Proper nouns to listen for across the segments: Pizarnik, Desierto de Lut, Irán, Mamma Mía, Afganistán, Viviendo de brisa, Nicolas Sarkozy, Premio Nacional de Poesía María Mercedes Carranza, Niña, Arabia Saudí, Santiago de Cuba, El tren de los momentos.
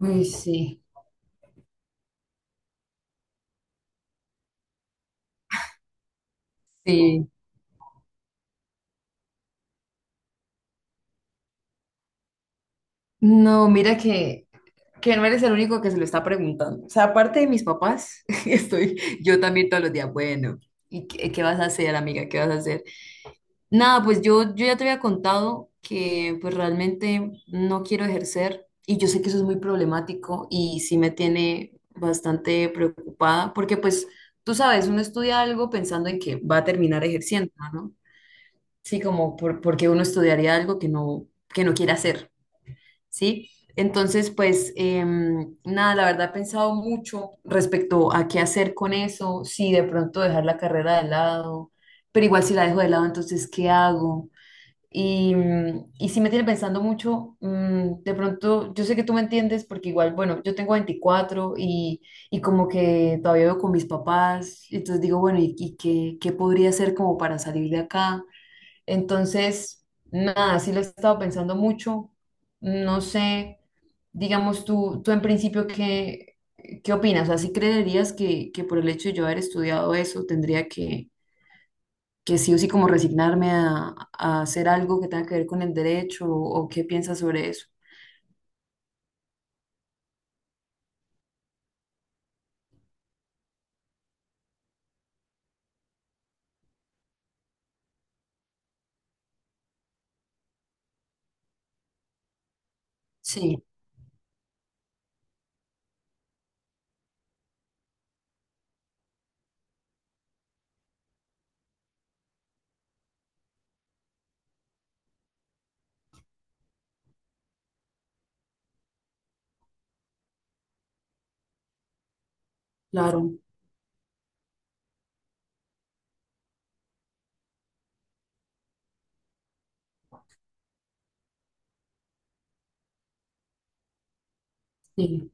Uy, sí, sí. No, mira que no eres el único que se lo está preguntando. O sea, aparte de mis papás, estoy yo también todos los días, bueno, ¿y qué vas a hacer, amiga? ¿Qué vas a hacer? Nada, pues yo ya te había contado que pues realmente no quiero ejercer y yo sé que eso es muy problemático y sí me tiene bastante preocupada porque pues tú sabes, uno estudia algo pensando en que va a terminar ejerciendo, ¿no? Sí, como porque uno estudiaría algo que no quiere hacer. ¿Sí? Entonces, pues nada, la verdad he pensado mucho respecto a qué hacer con eso, si de pronto dejar la carrera de lado, pero igual si la dejo de lado, entonces, ¿qué hago? Y sí me tiene pensando mucho, de pronto, yo sé que tú me entiendes porque igual, bueno, yo tengo 24 y como que todavía vivo con mis papás, entonces digo, bueno, ¿y qué podría hacer como para salir de acá? Entonces, nada, sí lo he estado pensando mucho. No sé, digamos tú en principio, ¿qué opinas? ¿Así creerías que por el hecho de yo haber estudiado eso, tendría que sí o sí como resignarme a hacer algo que tenga que ver con el derecho? ¿O qué piensas sobre eso? Sí, claro, sí.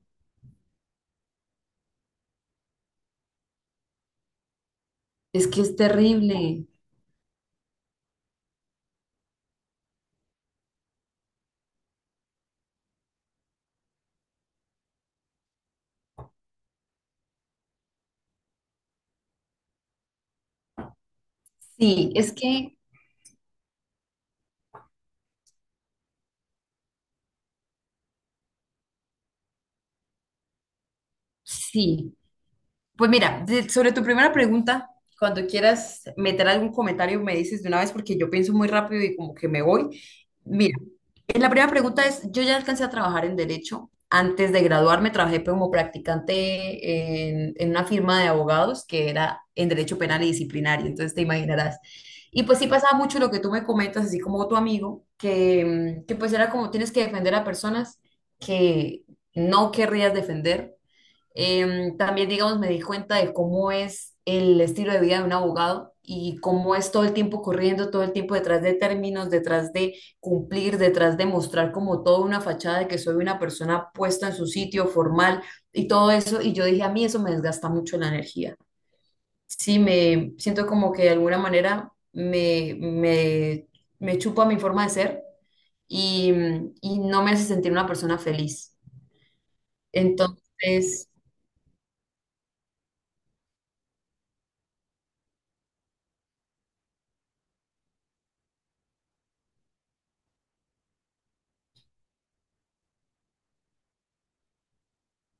Es que es terrible. Sí, es que sí. Pues mira, sobre tu primera pregunta, cuando quieras meter algún comentario, me dices de una vez porque yo pienso muy rápido y como que me voy. Mira, la primera pregunta es, yo ya alcancé a trabajar en derecho. Antes de graduarme trabajé como practicante en una firma de abogados que era en derecho penal y disciplinario, entonces te imaginarás. Y pues sí pasaba mucho lo que tú me comentas, así como tu amigo, que pues era como tienes que defender a personas que no querrías defender. También, digamos, me di cuenta de cómo es el estilo de vida de un abogado y cómo es todo el tiempo corriendo, todo el tiempo detrás de términos, detrás de cumplir, detrás de mostrar como toda una fachada de que soy una persona puesta en su sitio formal y todo eso. Y yo dije, a mí eso me desgasta mucho la energía. Sí, me siento como que de alguna manera me chupa mi forma de ser y, y no me hace sentir una persona feliz. Entonces...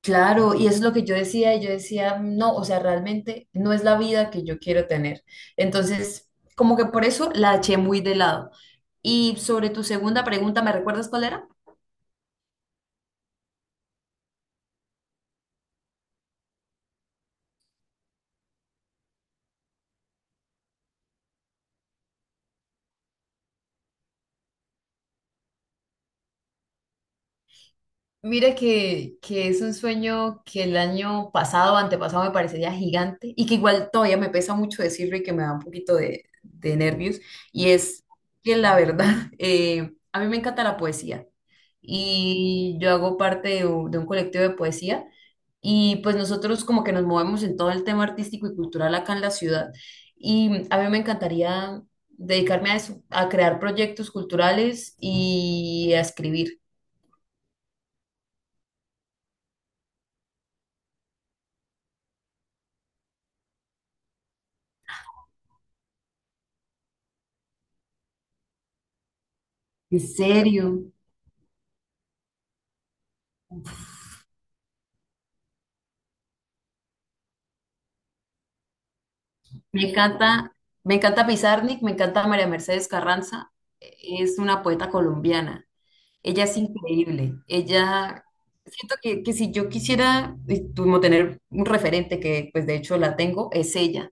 Claro, y eso es lo que yo decía, y yo decía, no, o sea, realmente no es la vida que yo quiero tener. Entonces, como que por eso la eché muy de lado. Y sobre tu segunda pregunta, ¿me recuerdas cuál era? Mira que es un sueño que el año pasado o antepasado me parecería gigante y que igual todavía me pesa mucho decirlo y que me da un poquito de nervios. Y es que la verdad, a mí me encanta la poesía y yo hago parte de un colectivo de poesía. Y pues nosotros como que nos movemos en todo el tema artístico y cultural acá en la ciudad. Y a mí me encantaría dedicarme a eso, a crear proyectos culturales y a escribir. ¿En serio? Me encanta, me encanta Pizarnik, me encanta María Mercedes Carranza, es una poeta colombiana. Ella es increíble. Ella, siento que si yo quisiera como tener un referente, que pues de hecho la tengo, es ella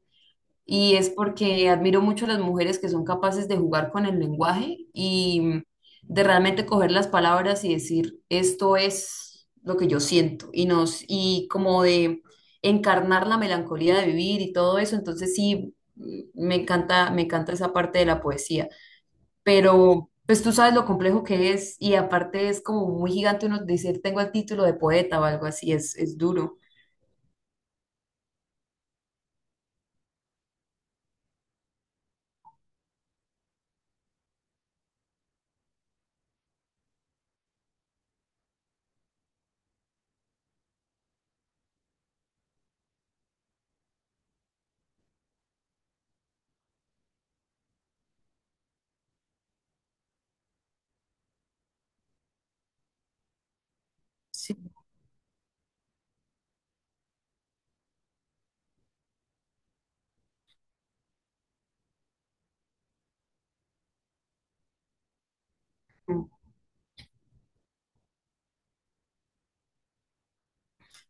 y es porque admiro mucho a las mujeres que son capaces de jugar con el lenguaje y de realmente coger las palabras y decir, esto es lo que yo siento y nos y como de encarnar la melancolía de vivir y todo eso, entonces sí me encanta esa parte de la poesía, pero pues tú sabes lo complejo que es y aparte es como muy gigante uno decir tengo el título de poeta o algo así, es duro. Sí.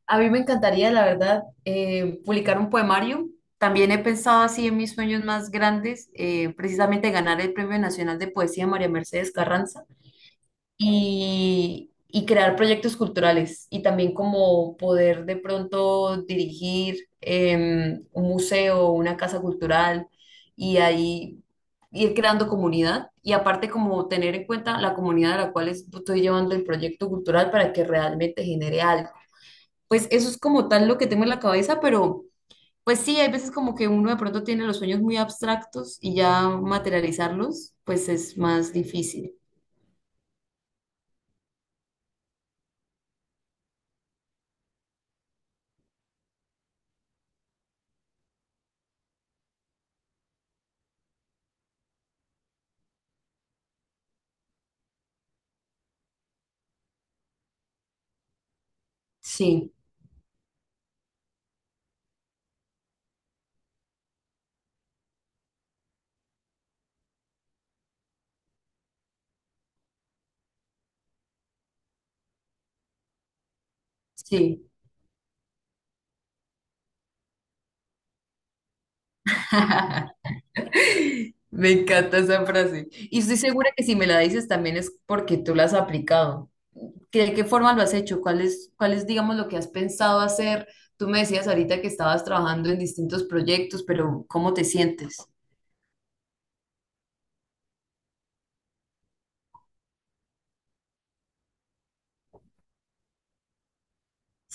A mí me encantaría, la verdad, publicar un poemario. También he pensado así en mis sueños más grandes, precisamente ganar el Premio Nacional de Poesía María Mercedes Carranza y crear proyectos culturales y también como poder de pronto dirigir un museo, una casa cultural y ahí ir creando comunidad y aparte como tener en cuenta la comunidad a la cual estoy llevando el proyecto cultural para que realmente genere algo. Pues eso es como tal lo que tengo en la cabeza, pero pues sí, hay veces como que uno de pronto tiene los sueños muy abstractos y ya materializarlos, pues es más difícil. Sí, sí. Me encanta esa frase. Y estoy segura que si me la dices también es porque tú la has aplicado. ¿Que ¿De qué forma lo has hecho? ¿Cuál es, digamos, lo que has pensado hacer? Tú me decías ahorita que estabas trabajando en distintos proyectos, pero ¿cómo te sientes?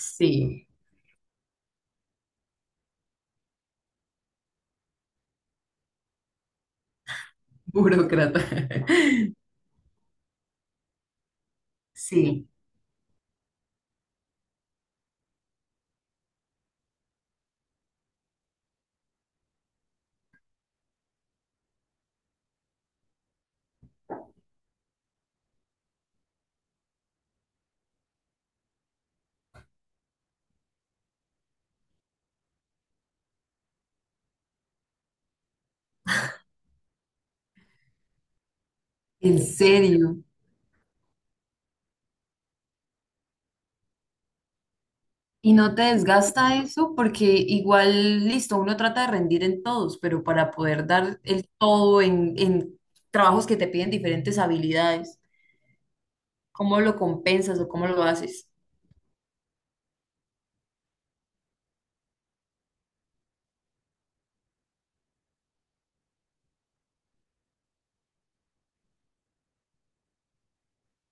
Sí, burócrata. Sí. En serio. ¿Y no te desgasta eso porque igual, listo, uno trata de rendir en todos, pero para poder dar el todo en trabajos que te piden diferentes habilidades, cómo lo compensas o cómo lo haces?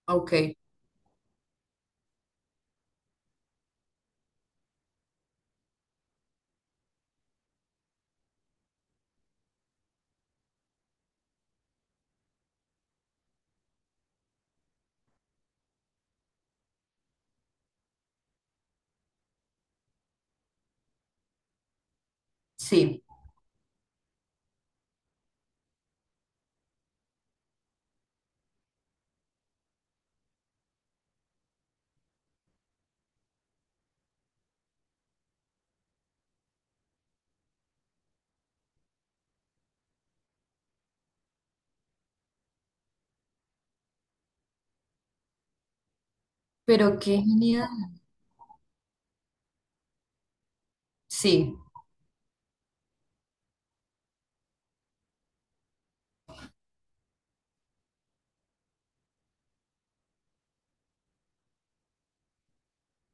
Ok, sí, pero qué genial. Sí,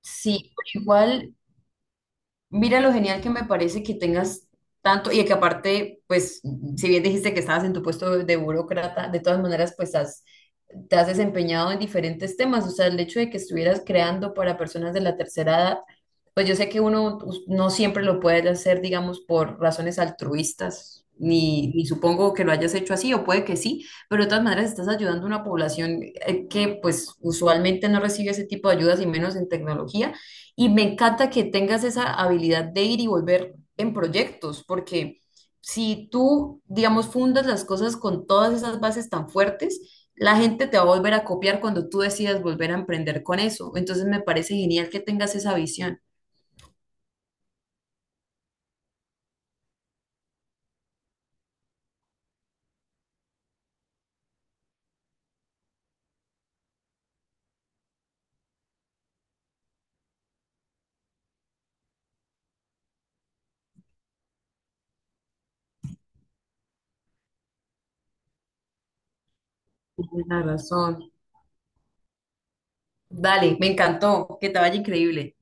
sí, pero igual. Mira lo genial que me parece que tengas tanto y que aparte, pues, si bien dijiste que estabas en tu puesto de burócrata, de todas maneras, pues te has desempeñado en diferentes temas. O sea, el hecho de que estuvieras creando para personas de la tercera edad, pues yo sé que uno no siempre lo puede hacer, digamos, por razones altruistas, ni supongo que lo hayas hecho así, o puede que sí, pero de todas maneras estás ayudando a una población que pues usualmente no recibe ese tipo de ayudas y menos en tecnología. Y me encanta que tengas esa habilidad de ir y volver en proyectos, porque si tú, digamos, fundas las cosas con todas esas bases tan fuertes, la gente te va a volver a copiar cuando tú decidas volver a emprender con eso. Entonces me parece genial que tengas esa visión. Tienes razón. Dale, me encantó, que te vaya increíble.